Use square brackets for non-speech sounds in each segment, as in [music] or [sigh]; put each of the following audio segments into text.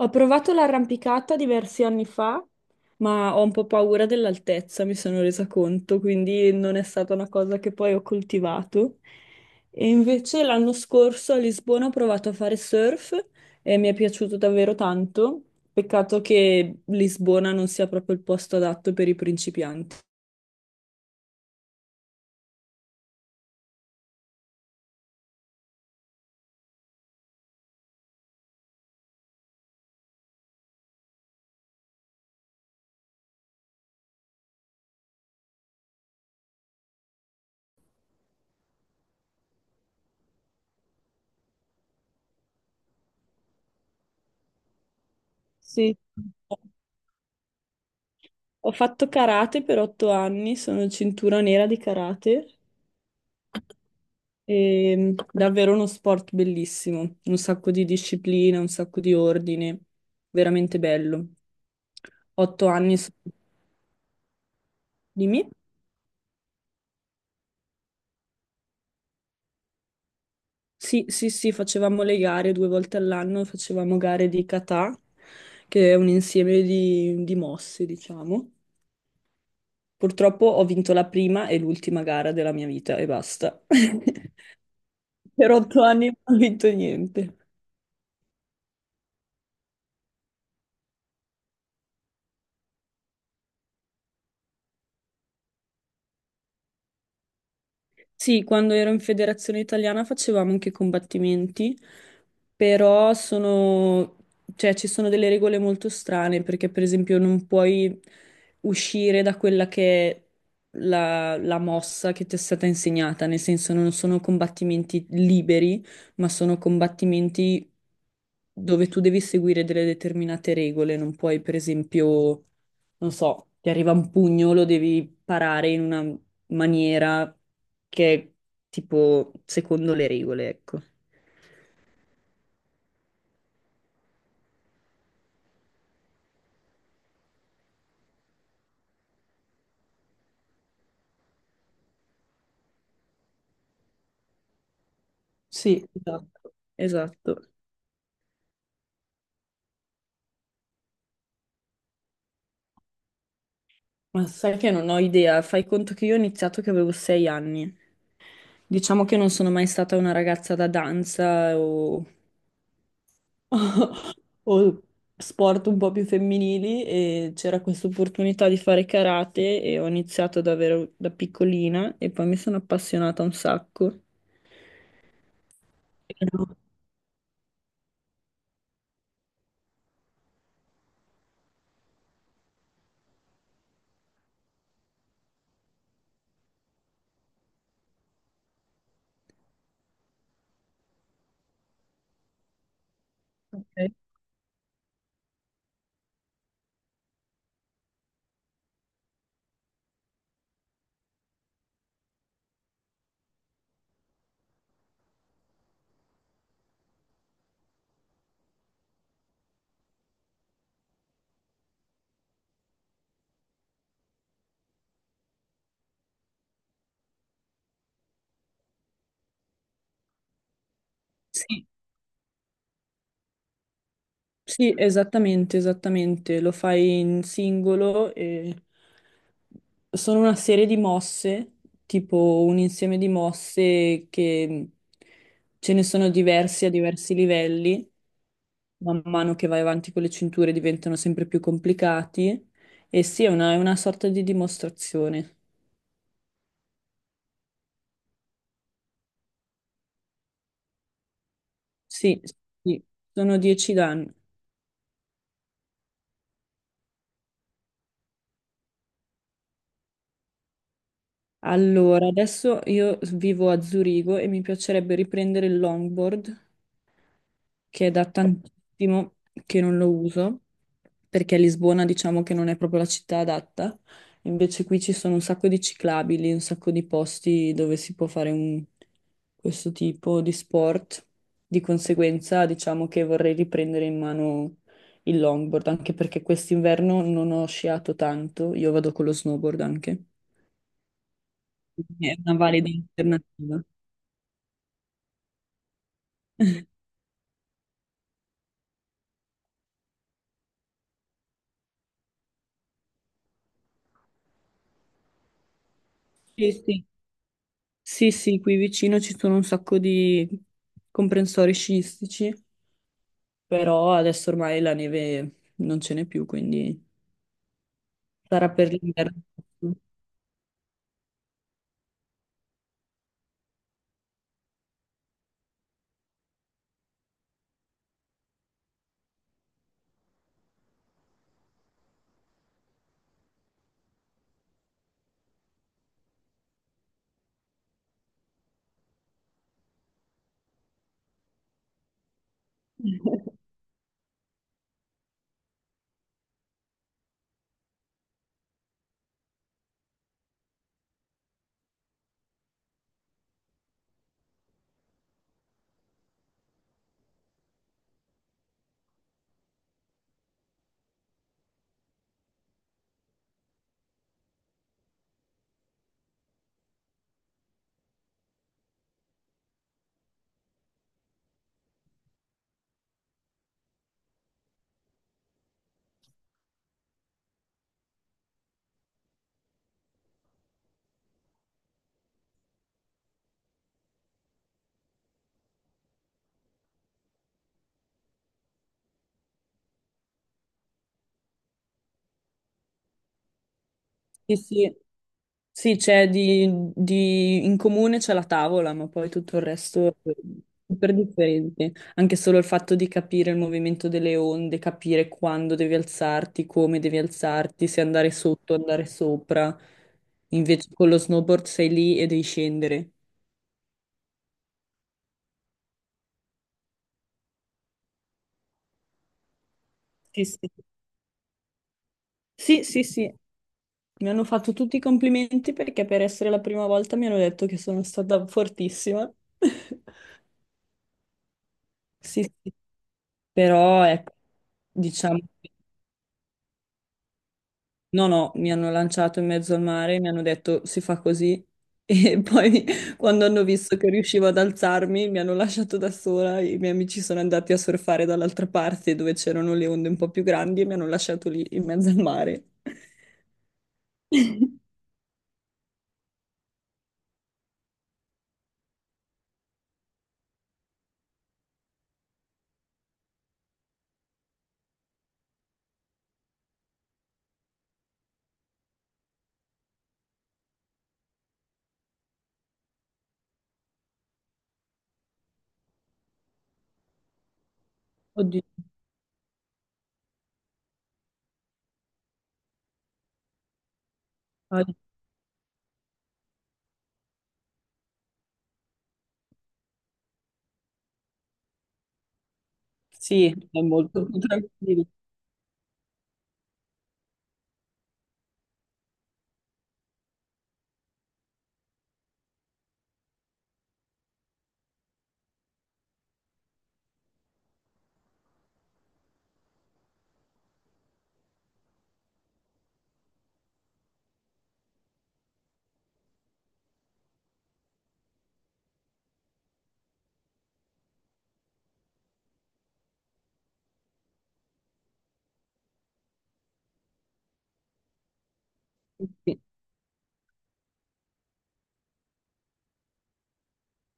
Ho provato l'arrampicata diversi anni fa, ma ho un po' paura dell'altezza, mi sono resa conto, quindi non è stata una cosa che poi ho coltivato. E invece l'anno scorso a Lisbona ho provato a fare surf e mi è piaciuto davvero tanto. Peccato che Lisbona non sia proprio il posto adatto per i principianti. Sì. Ho fatto karate per 8 anni, sono cintura nera di karate. E davvero uno sport bellissimo, un sacco di disciplina, un sacco di ordine, veramente bello. Otto anni di me. Sì, sì, sì, facevamo le gare 2 volte all'anno, facevamo gare di kata, che è un insieme di mosse, diciamo. Purtroppo ho vinto la prima e l'ultima gara della mia vita e basta. [laughs] Per otto anni non ho vinto niente. Sì, quando ero in federazione italiana facevamo anche combattimenti, però sono, cioè, ci sono delle regole molto strane perché per esempio non puoi uscire da quella che è la mossa che ti è stata insegnata, nel senso non sono combattimenti liberi, ma sono combattimenti dove tu devi seguire delle determinate regole, non puoi per esempio, non so, ti arriva un pugno, lo devi parare in una maniera che è tipo secondo le regole, ecco. Sì, esatto. Esatto. Ma sai che non ho idea, fai conto che io ho iniziato che avevo 6 anni. Diciamo che non sono mai stata una ragazza da danza o... [laughs] o sport un po' più femminili e c'era questa opportunità di fare karate e ho iniziato davvero da piccolina e poi mi sono appassionata un sacco. Però- Ok. Sì. Sì, esattamente, esattamente. Lo fai in singolo e sono una serie di mosse, tipo un insieme di mosse che ce ne sono diversi a diversi livelli. Man mano che vai avanti con le cinture diventano sempre più complicati. E sì, è una sorta di dimostrazione. Sì, sì, sono 10 danni. Allora, adesso io vivo a Zurigo e mi piacerebbe riprendere il longboard, che è da tantissimo che non lo uso, perché a Lisbona diciamo che non è proprio la città adatta. Invece qui ci sono un sacco di ciclabili, un sacco di posti dove si può fare questo tipo di sport. Di conseguenza, diciamo che vorrei riprendere in mano il longboard, anche perché quest'inverno non ho sciato tanto, io vado con lo snowboard anche. È una valida alternativa. Sì, sì. Sì, sì, qui vicino ci sono un sacco di comprensori sciistici, però adesso ormai la neve non ce n'è più, quindi sarà per l'inverno. [laughs] Sì, sì, sì, c'è in comune c'è la tavola, ma poi tutto il resto è super differente. Anche solo il fatto di capire il movimento delle onde, capire quando devi alzarti, come devi alzarti, se andare sotto, andare sopra. Invece con lo snowboard sei lì e devi scendere. Sì, sì. Sì, sì, sì, mi hanno fatto tutti i complimenti perché per essere la prima volta mi hanno detto che sono stata fortissima. [laughs] Sì, sì, però ecco, diciamo, no, no, mi hanno lanciato in mezzo al mare, mi hanno detto si fa così e [laughs] poi quando hanno visto che riuscivo ad alzarmi mi hanno lasciato da sola, i miei amici sono andati a surfare dall'altra parte dove c'erano le onde un po' più grandi e mi hanno lasciato lì in mezzo al mare. Oddio, oddio. Sì, è molto più tranquillo. Sì.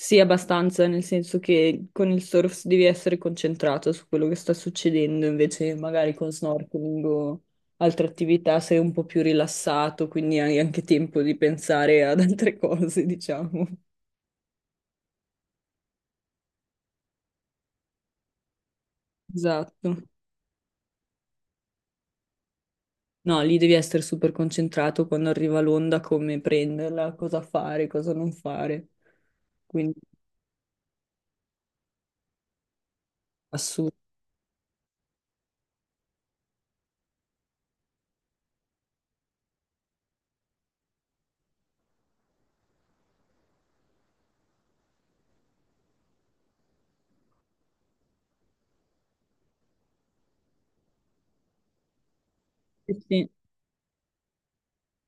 Sì, abbastanza, nel senso che con il surf devi essere concentrato su quello che sta succedendo, invece magari con snorkeling o altre attività sei un po' più rilassato, quindi hai anche tempo di pensare ad altre [laughs] cose, diciamo. Esatto. No, lì devi essere super concentrato quando arriva l'onda, come prenderla, cosa fare, cosa non fare. Quindi assurdo. Sì, sì.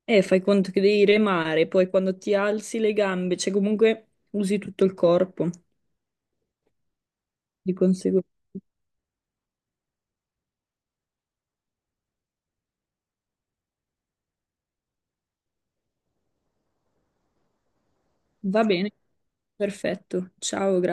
E fai conto che devi remare, poi quando ti alzi le gambe, cioè comunque usi tutto il corpo. Di conseguenza. Va bene, perfetto. Ciao, grazie.